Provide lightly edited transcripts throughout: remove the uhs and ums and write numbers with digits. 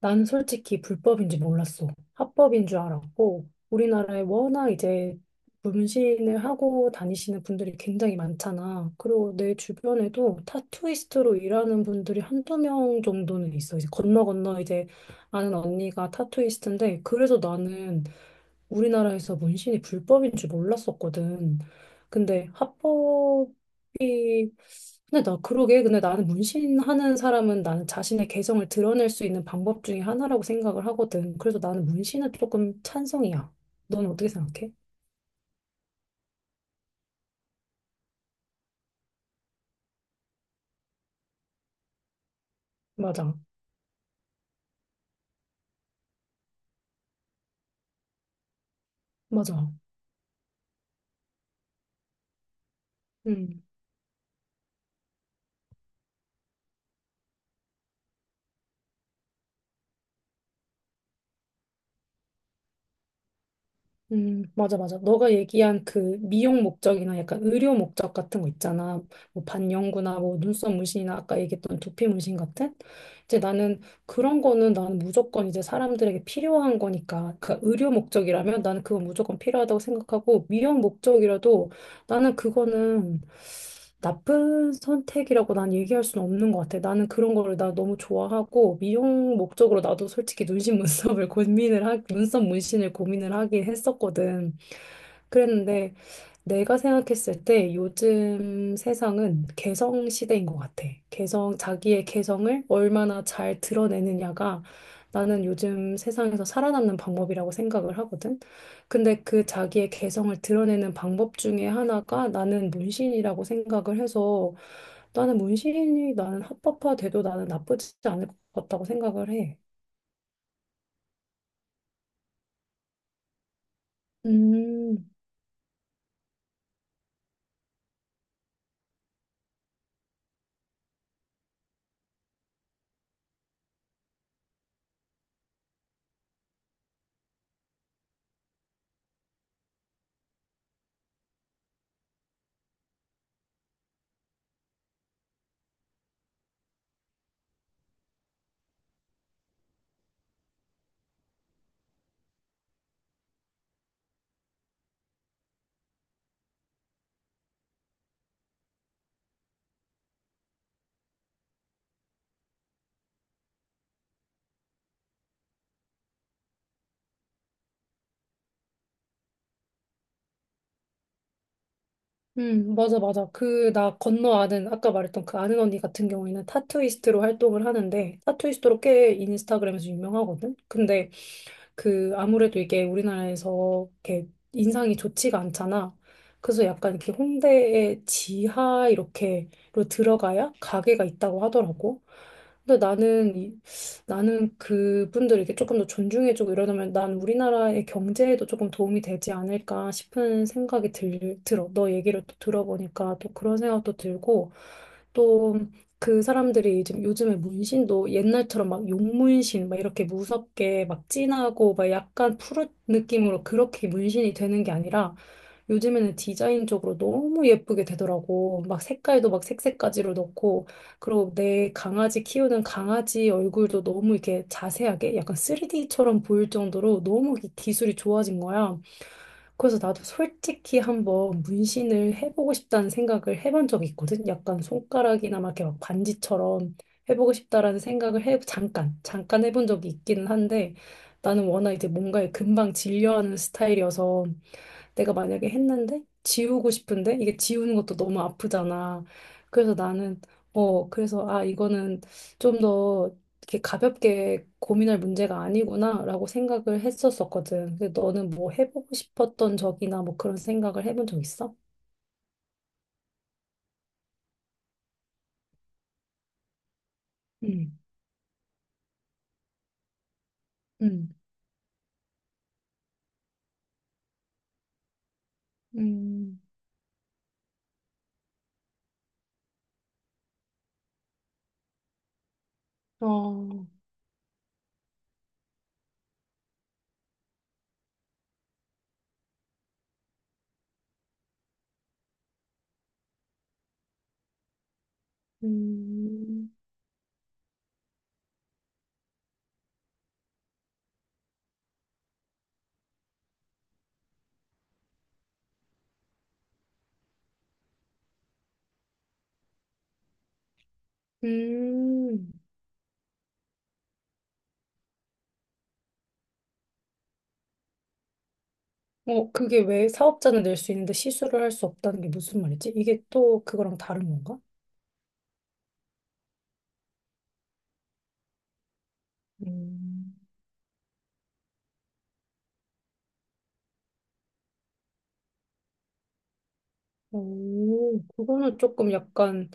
나는 솔직히 불법인지 몰랐어. 합법인 줄 알았고, 우리나라에 워낙 이제 문신을 하고 다니시는 분들이 굉장히 많잖아. 그리고 내 주변에도 타투이스트로 일하는 분들이 한두 명 정도는 있어. 이제 건너 이제 아는 언니가 타투이스트인데, 그래서 나는 우리나라에서 문신이 불법인 줄 몰랐었거든. 근데 합법이 근데 나 그러게 근데 나는 문신하는 사람은 나는 자신의 개성을 드러낼 수 있는 방법 중에 하나라고 생각을 하거든. 그래서 나는 문신은 조금 찬성이야. 넌 어떻게 생각해? 맞아. 맞아. 맞아, 맞아. 너가 얘기한 그 미용 목적이나 약간 의료 목적 같은 거 있잖아. 뭐 반영구나, 뭐 눈썹 문신이나 아까 얘기했던 두피 문신 같은? 이제 나는 그런 거는 나는 무조건 이제 사람들에게 필요한 거니까. 그 의료 목적이라면 나는 그건 무조건 필요하다고 생각하고 미용 목적이라도 나는 그거는 나쁜 선택이라고 난 얘기할 수는 없는 것 같아. 나는 그런 거를 나 너무 좋아하고 미용 목적으로 나도 솔직히 눈신 문썹을 눈썹 문신을 고민을 하긴 했었거든. 그랬는데 내가 생각했을 때 요즘 세상은 개성 시대인 것 같아. 개성, 자기의 개성을 얼마나 잘 드러내느냐가 나는 요즘 세상에서 살아남는 방법이라고 생각을 하거든. 근데 그 자기의 개성을 드러내는 방법 중에 하나가 나는 문신이라고 생각을 해서 나는 문신이 나는 합법화돼도 나는 나쁘지 않을 것 같다고 생각을 해. 음. 맞아, 맞아. 그, 나 건너 아는, 아까 말했던 그 아는 언니 같은 경우에는 타투이스트로 활동을 하는데, 타투이스트로 꽤 인스타그램에서 유명하거든? 근데 그, 아무래도 이게 우리나라에서 이렇게 인상이 좋지가 않잖아. 그래서 약간 이렇게 홍대의 지하 이렇게로 들어가야 가게가 있다고 하더라고. 근데 나는 이- 나는 그분들 이렇게 조금 더 존중해주고 이러면 난 우리나라의 경제에도 조금 도움이 되지 않을까 싶은 생각이 들어. 너 얘기를 또 들어보니까 또 그런 생각도 들고 또 그 사람들이 지금 요즘에 문신도 옛날처럼 막 용문신 막 이렇게 무섭게 막 진하고 막 약간 푸른 느낌으로 그렇게 문신이 되는 게 아니라 요즘에는 디자인 쪽으로 너무 예쁘게 되더라고. 막 색깔도 막 색색까지로 넣고, 그리고 내 강아지 키우는 강아지 얼굴도 너무 이렇게 자세하게 약간 3D처럼 보일 정도로 너무 기술이 좋아진 거야. 그래서 나도 솔직히 한번 문신을 해보고 싶다는 생각을 해본 적이 있거든. 약간 손가락이나 막 이렇게 막 반지처럼 해보고 싶다라는 생각을 잠깐 해본 적이 있기는 한데, 나는 워낙 이제 뭔가에 금방 질려하는 스타일이어서 내가 만약에 했는데 지우고 싶은데 이게 지우는 것도 너무 아프잖아. 그래서 나는 어 그래서 아 이거는 좀 더 이렇게 가볍게 고민할 문제가 아니구나라고 생각을 했었었거든. 근데 너는 뭐 해보고 싶었던 적이나 뭐 그런 생각을 해본 적 있어? 음, 음, 음, 어, 음, 음. 어, 그게 왜 사업자는 낼 수 있는데 시술을 할 수 없다는 게 무슨 말이지? 이게 또 그거랑 다른 건가? 음. 오, 그거는 조금 약간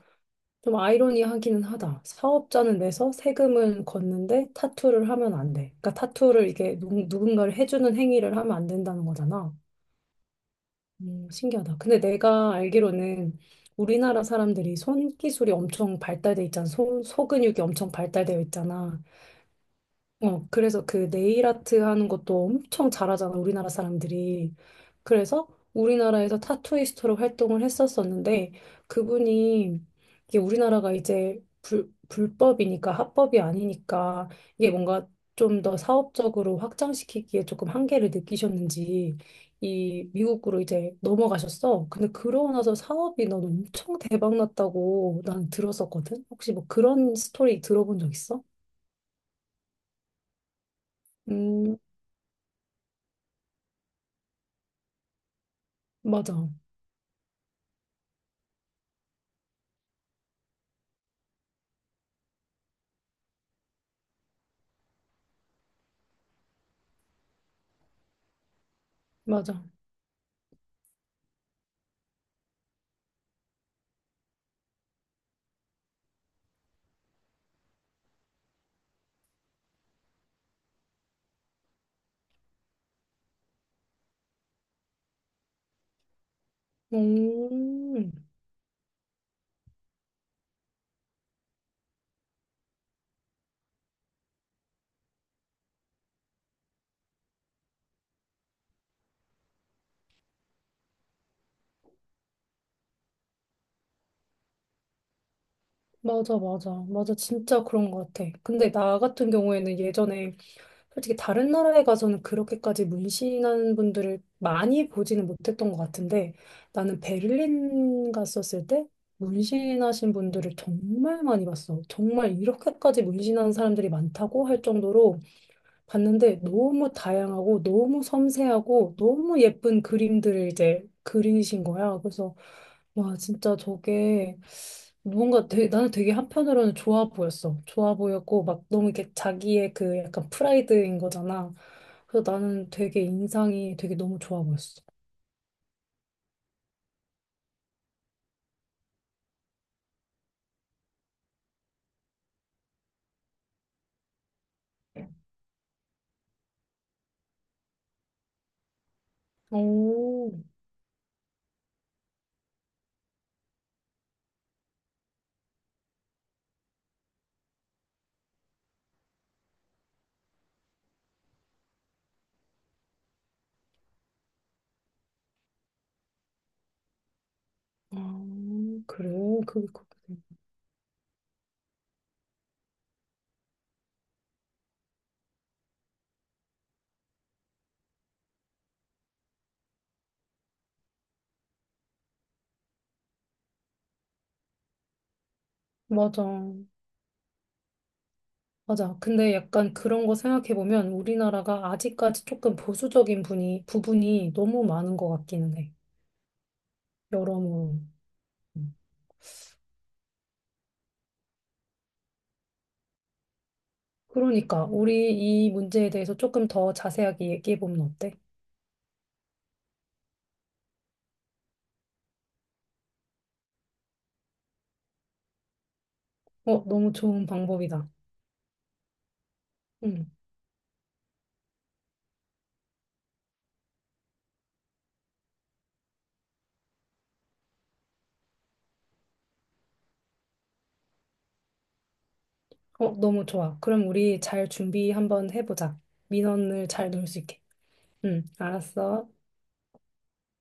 좀 아이러니하기는 하다. 사업자는 내서 세금은 걷는데 타투를 하면 안 돼. 그러니까 타투를 이게 누군가를 해주는 행위를 하면 안 된다는 거잖아. 신기하다. 근데 내가 알기로는 우리나라 사람들이 손 기술이 엄청 발달돼 있잖아. 손, 소근육이 엄청 발달되어 있잖아. 어, 그래서 그 네일 아트 하는 것도 엄청 잘하잖아, 우리나라 사람들이. 그래서 우리나라에서 타투이스트로 활동을 했었었는데, 그분이, 이게 우리나라가 이제 불법이니까, 합법이 아니니까, 이게 뭔가 좀 더 사업적으로 확장시키기에 조금 한계를 느끼셨는지, 이 미국으로 이제 넘어가셨어. 근데 그러고 나서 사업이 난 엄청 대박 났다고 난 들었었거든? 혹시 뭐 그런 스토리 들어본 적 있어? 음, 맞아. 맞아. 음, 맞아, 맞아. 맞아. 진짜 그런 것 같아. 근데 나 같은 경우에는 예전에 솔직히 다른 나라에 가서는 그렇게까지 문신하는 분들을 많이 보지는 못했던 것 같은데 나는 베를린 갔었을 때 문신하신 분들을 정말 많이 봤어. 정말 이렇게까지 문신하는 사람들이 많다고 할 정도로 봤는데 너무 다양하고 너무 섬세하고 너무 예쁜 그림들을 이제 그리신 거야. 그래서 와 진짜 저게 뭔가 되게, 나는 되게 한편으로는 좋아 보였어. 좋아 보였고 막 너무 이렇게 자기의 그 약간 프라이드인 거잖아. 그래서 나는 되게 인상이 되게 너무 좋아 보였어. 오, 아, 그래, 그게 그렇게 돼. 맞아. 맞아. 근데 약간 그런 거 생각해보면 우리나라가 아직까지 조금 보수적인 부분이 너무 많은 것 같기는 해. 여러모로. 음. 그러니까 우리 이 문제에 대해서 조금 더 자세하게 얘기해보면 어때? 어, 너무 좋은 방법이다. 응. 어, 너무 좋아. 그럼 우리 잘 준비 한번 해보자. 민원을 잘 넣을 수 있게. 응, 알았어.